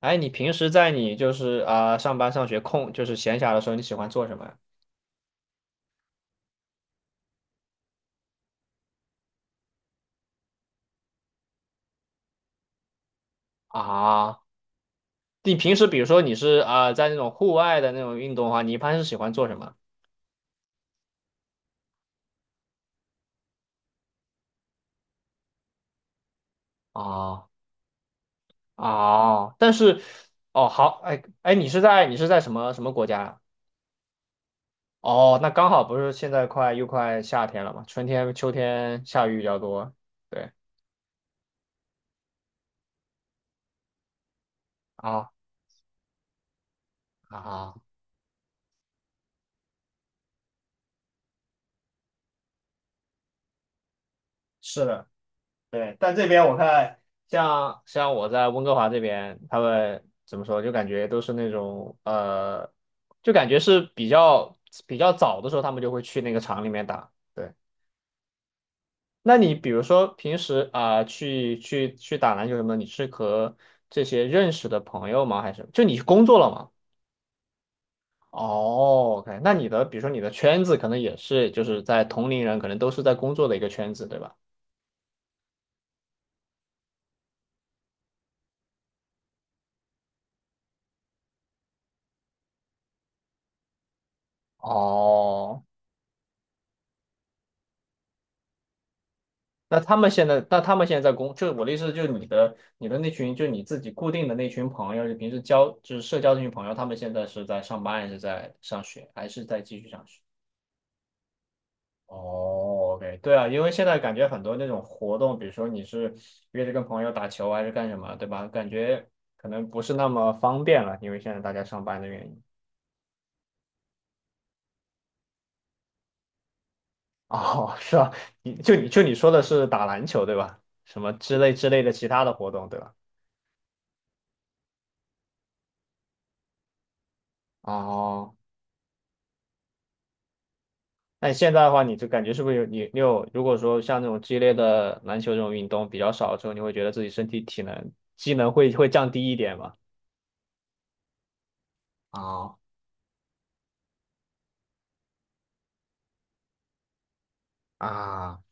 哎，你平时在你就是啊、呃上班上学就是闲暇的时候，你喜欢做什么呀？啊，你平时比如说你是啊、呃在那种户外的那种运动的话，你一般是喜欢做什么？啊啊，哦，好。哎哎，你是在什么国家呀？哦，那刚好不是现在快夏天了嘛，春天秋天下雨比较多。对啊啊，是的。对，但这边我看像我在温哥华这边，他们怎么说，就感觉都是那种就感觉是比较早的时候，他们就会去那个厂里面打。对，那你比如说平时去打篮球什么的，你是和这些认识的朋友吗？还是就你工作了吗？哦，OK。那你的比如说你的圈子可能也是就是在同龄人，可能都是在工作的一个圈子，对吧？哦，那他们现在在工，就是我的意思，就是你的那群，就你自己固定的那群朋友，就平时交就是社交这群朋友，他们现在是在上班，还是在上学，还是在继续上学？哦，OK,对啊。因为现在感觉很多那种活动，比如说你是约着跟朋友打球还是干什么，对吧？感觉可能不是那么方便了，因为现在大家上班的原因。哦，是啊。你就你说的是打篮球，对吧？什么之类的其他的活动，对吧？哦。那你现在的话，你就感觉是不是有你你有，如果说像那种激烈的篮球这种运动比较少的时候，你会觉得自己身体体能机能会降低一点吗？啊啊，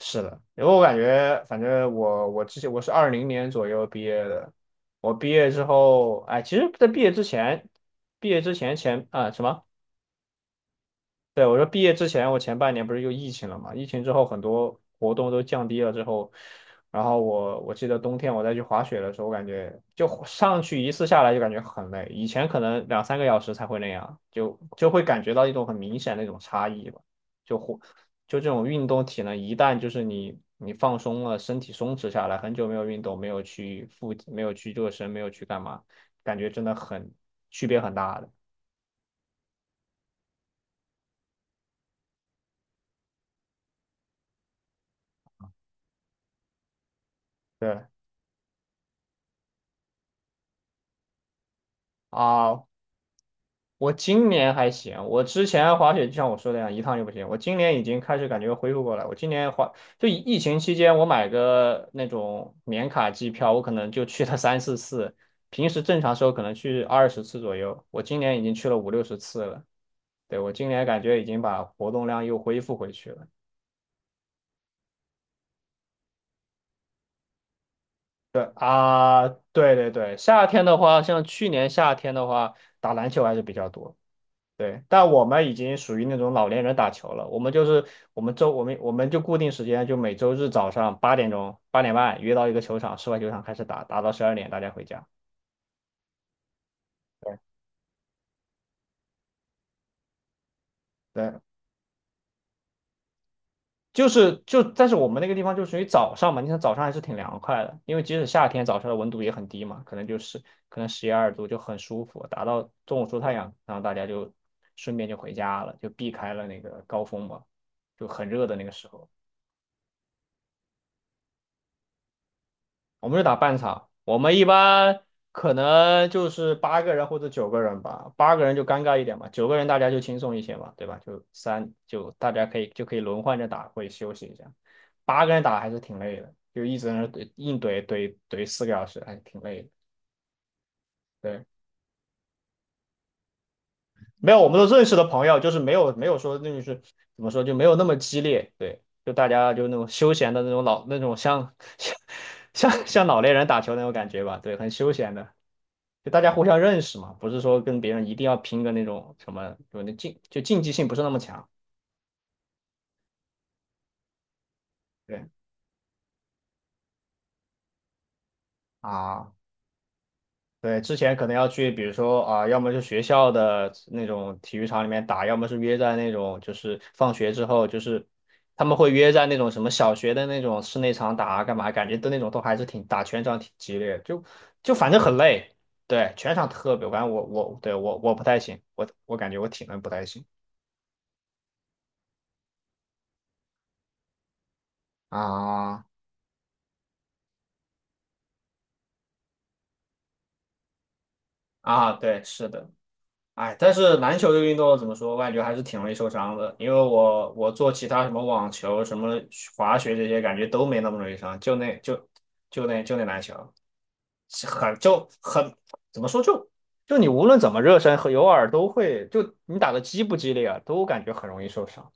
是的。因为我感觉，反正我之前我是2020年左右毕业的，我毕业之后。哎，其实在毕业之前，毕业之前前啊、什么？对，我说毕业之前，我前半年不是又疫情了嘛？疫情之后，很多活动都降低了之后，然后我记得冬天我再去滑雪的时候，我感觉就上去一次下来就感觉很累，以前可能2、3个小时才会那样，就会感觉到一种很明显的一种差异吧。就活就这种运动体能，一旦就是你放松了，身体松弛下来，很久没有运动，没有去热身，没有去干嘛，感觉真的很区别很大的。对啊，我今年还行，我之前滑雪就像我说的那样，一趟就不行。我今年已经开始感觉恢复过来。我今年滑，就疫情期间，我买个那种年卡机票，我可能就去了3、4次，平时正常时候可能去20次左右。我今年已经去了50、60次了。对，我今年感觉已经把活动量又恢复回去了。对啊，对对对，夏天的话，像去年夏天的话，打篮球还是比较多。对，但我们已经属于那种老年人打球了。我们就是我们周我们我们就固定时间，就每周日早上8点钟8点半约到一个球场，室外球场开始打，打到12点大家回家。对对，就是但是我们那个地方就属于早上嘛，你看早上还是挺凉快的，因为即使夏天早上的温度也很低嘛，可能11、12度就很舒服，打到中午出太阳，然后大家就顺便就回家了，就避开了那个高峰嘛，就很热的那个时候。我们是打半场，我们一般可能就是八个人或者九个人吧，八个人就尴尬一点嘛，九个人大家就轻松一些嘛，对吧？就三就大家可以可以轮换着打，会休息一下。八个人打还是挺累的，就一直在那怼怼怼4个小时，还是挺累的。对，没有我们都认识的朋友，就是没有说那就是怎么说就没有那么激烈。对，就大家就那种休闲的那种像 像老年人打球那种感觉吧，对，很休闲的。就大家互相认识嘛，不是说跟别人一定要拼个那种什么，就那竞就竞技性不是那么强。对啊，对，之前可能要去，比如说啊，要么就学校的那种体育场里面打，要么是约在那种就是放学之后，就是他们会约在那种什么小学的那种室内场打啊，干嘛？感觉都那种都还是挺打全场挺激烈的，反正很累。对，全场特别，反正我不太行，我感觉我体能不太行。啊啊，对，是的。哎，但是篮球这个运动怎么说，我感觉还是挺容易受伤的。因为我做其他什么网球、什么滑雪这些，感觉都没那么容易伤，就那就就那就那篮球，是很怎么说，你无论怎么热身和有耳都会，就你打的激不激烈啊，都感觉很容易受伤。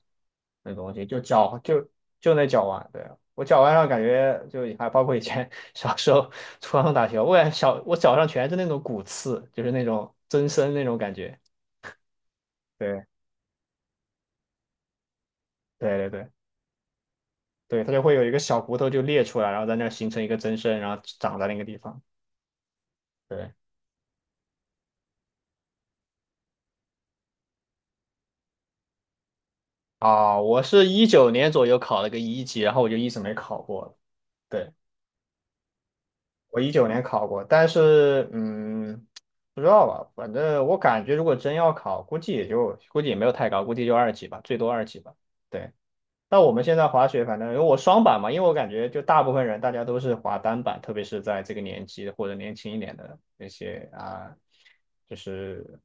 那东西就脚就就那脚腕，对啊我脚腕上感觉就还包括以前 小时候 初高中打球，我感觉我脚上全是那种骨刺，就是那种增生那种感觉。对对对对对，它就会有一个小骨头就裂出来，然后在那儿形成一个增生，然后长在那个地方。对啊，我是一九年左右考了个一级，然后我就一直没考过了。对，我一九年考过，但是嗯，不知道吧，反正我感觉如果真要考，估计也就估计也没有太高，估计就二级吧，最多二级吧。对，那我们现在滑雪，反正因为我双板嘛，因为我感觉就大部分人大家都是滑单板，特别是在这个年纪或者年轻一点的那些就是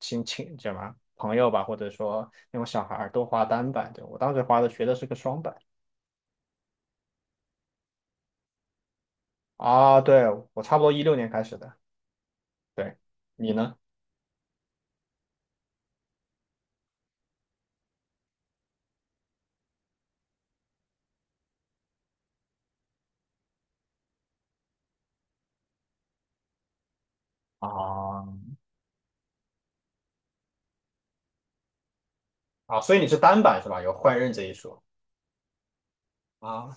亲戚叫什么朋友吧，或者说那种小孩儿都滑单板。对，我当时学的是个双板。啊，对，我差不多2016年开始的。对，你呢？啊啊，所以你是单板是吧？有换刃这一说。啊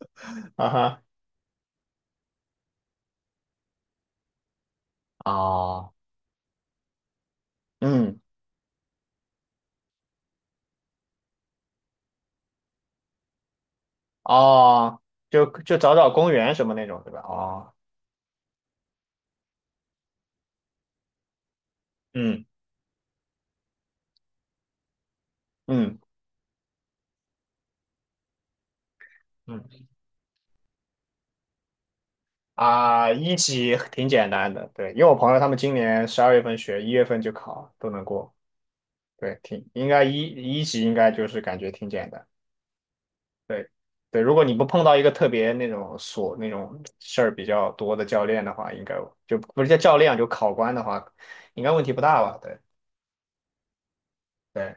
啊哈啊。嗯。哦，就找找公园什么那种对吧？哦。嗯嗯嗯。啊，一级挺简单的。对，因为我朋友他们今年12月份学，1月份就考，都能过。对，挺应该一一级应该就是感觉挺简单。对对，如果你不碰到一个特别那种琐那种事儿比较多的教练的话，应该就不是叫教练就考官的话，应该问题不大吧？对对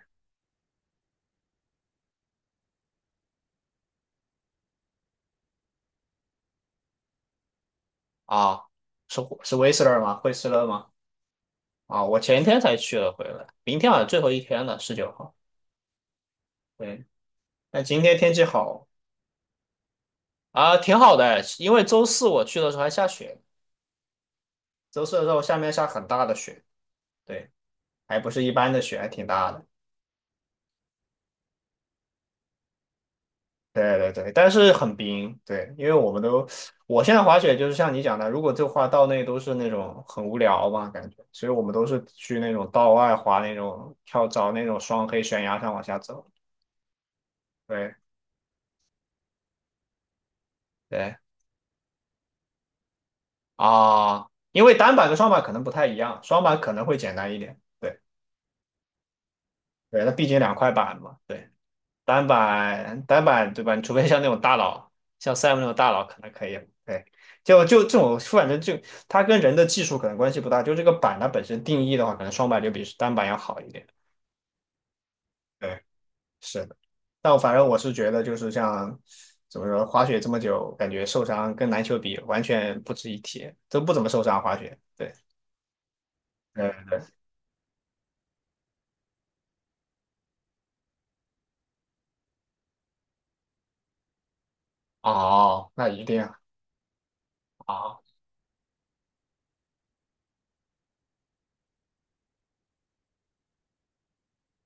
啊，是是威斯勒吗？惠斯勒吗？啊，我前天才去了回来，明天好像最后一天了，19号。对，那今天天气好。啊，挺好的，因为周四我去的时候还下雪，周四的时候下很大的雪。对，还不是一般的雪，还挺大的。对对对，但是很冰。对，因为我们都，我现在滑雪就是像你讲的，如果就滑道内都是那种很无聊嘛，感觉，所以我们都是去那种道外滑那种跳找那种双黑悬崖上往下走。对对啊，因为单板跟双板可能不太一样，双板可能会简单一点。对对，那毕竟两块板嘛。对。单板对吧？你除非像那种大佬，像 Sam 那种大佬可能可以。对，这种，反正就它跟人的技术可能关系不大，就这个板它本身定义的话，可能双板就比单板要好一点。对，是的。但我反正我是觉得，就是像怎么说，滑雪这么久，感觉受伤跟篮球比完全不值一提，都不怎么受伤滑雪。对，嗯，哦，那一定啊。哦。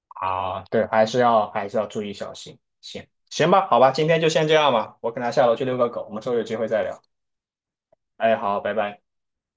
啊，对，还是要还是要注意小心。行行吧，好吧，今天就先这样吧，我可能下楼去遛个狗，我们之后有机会再聊。哎，好，拜拜。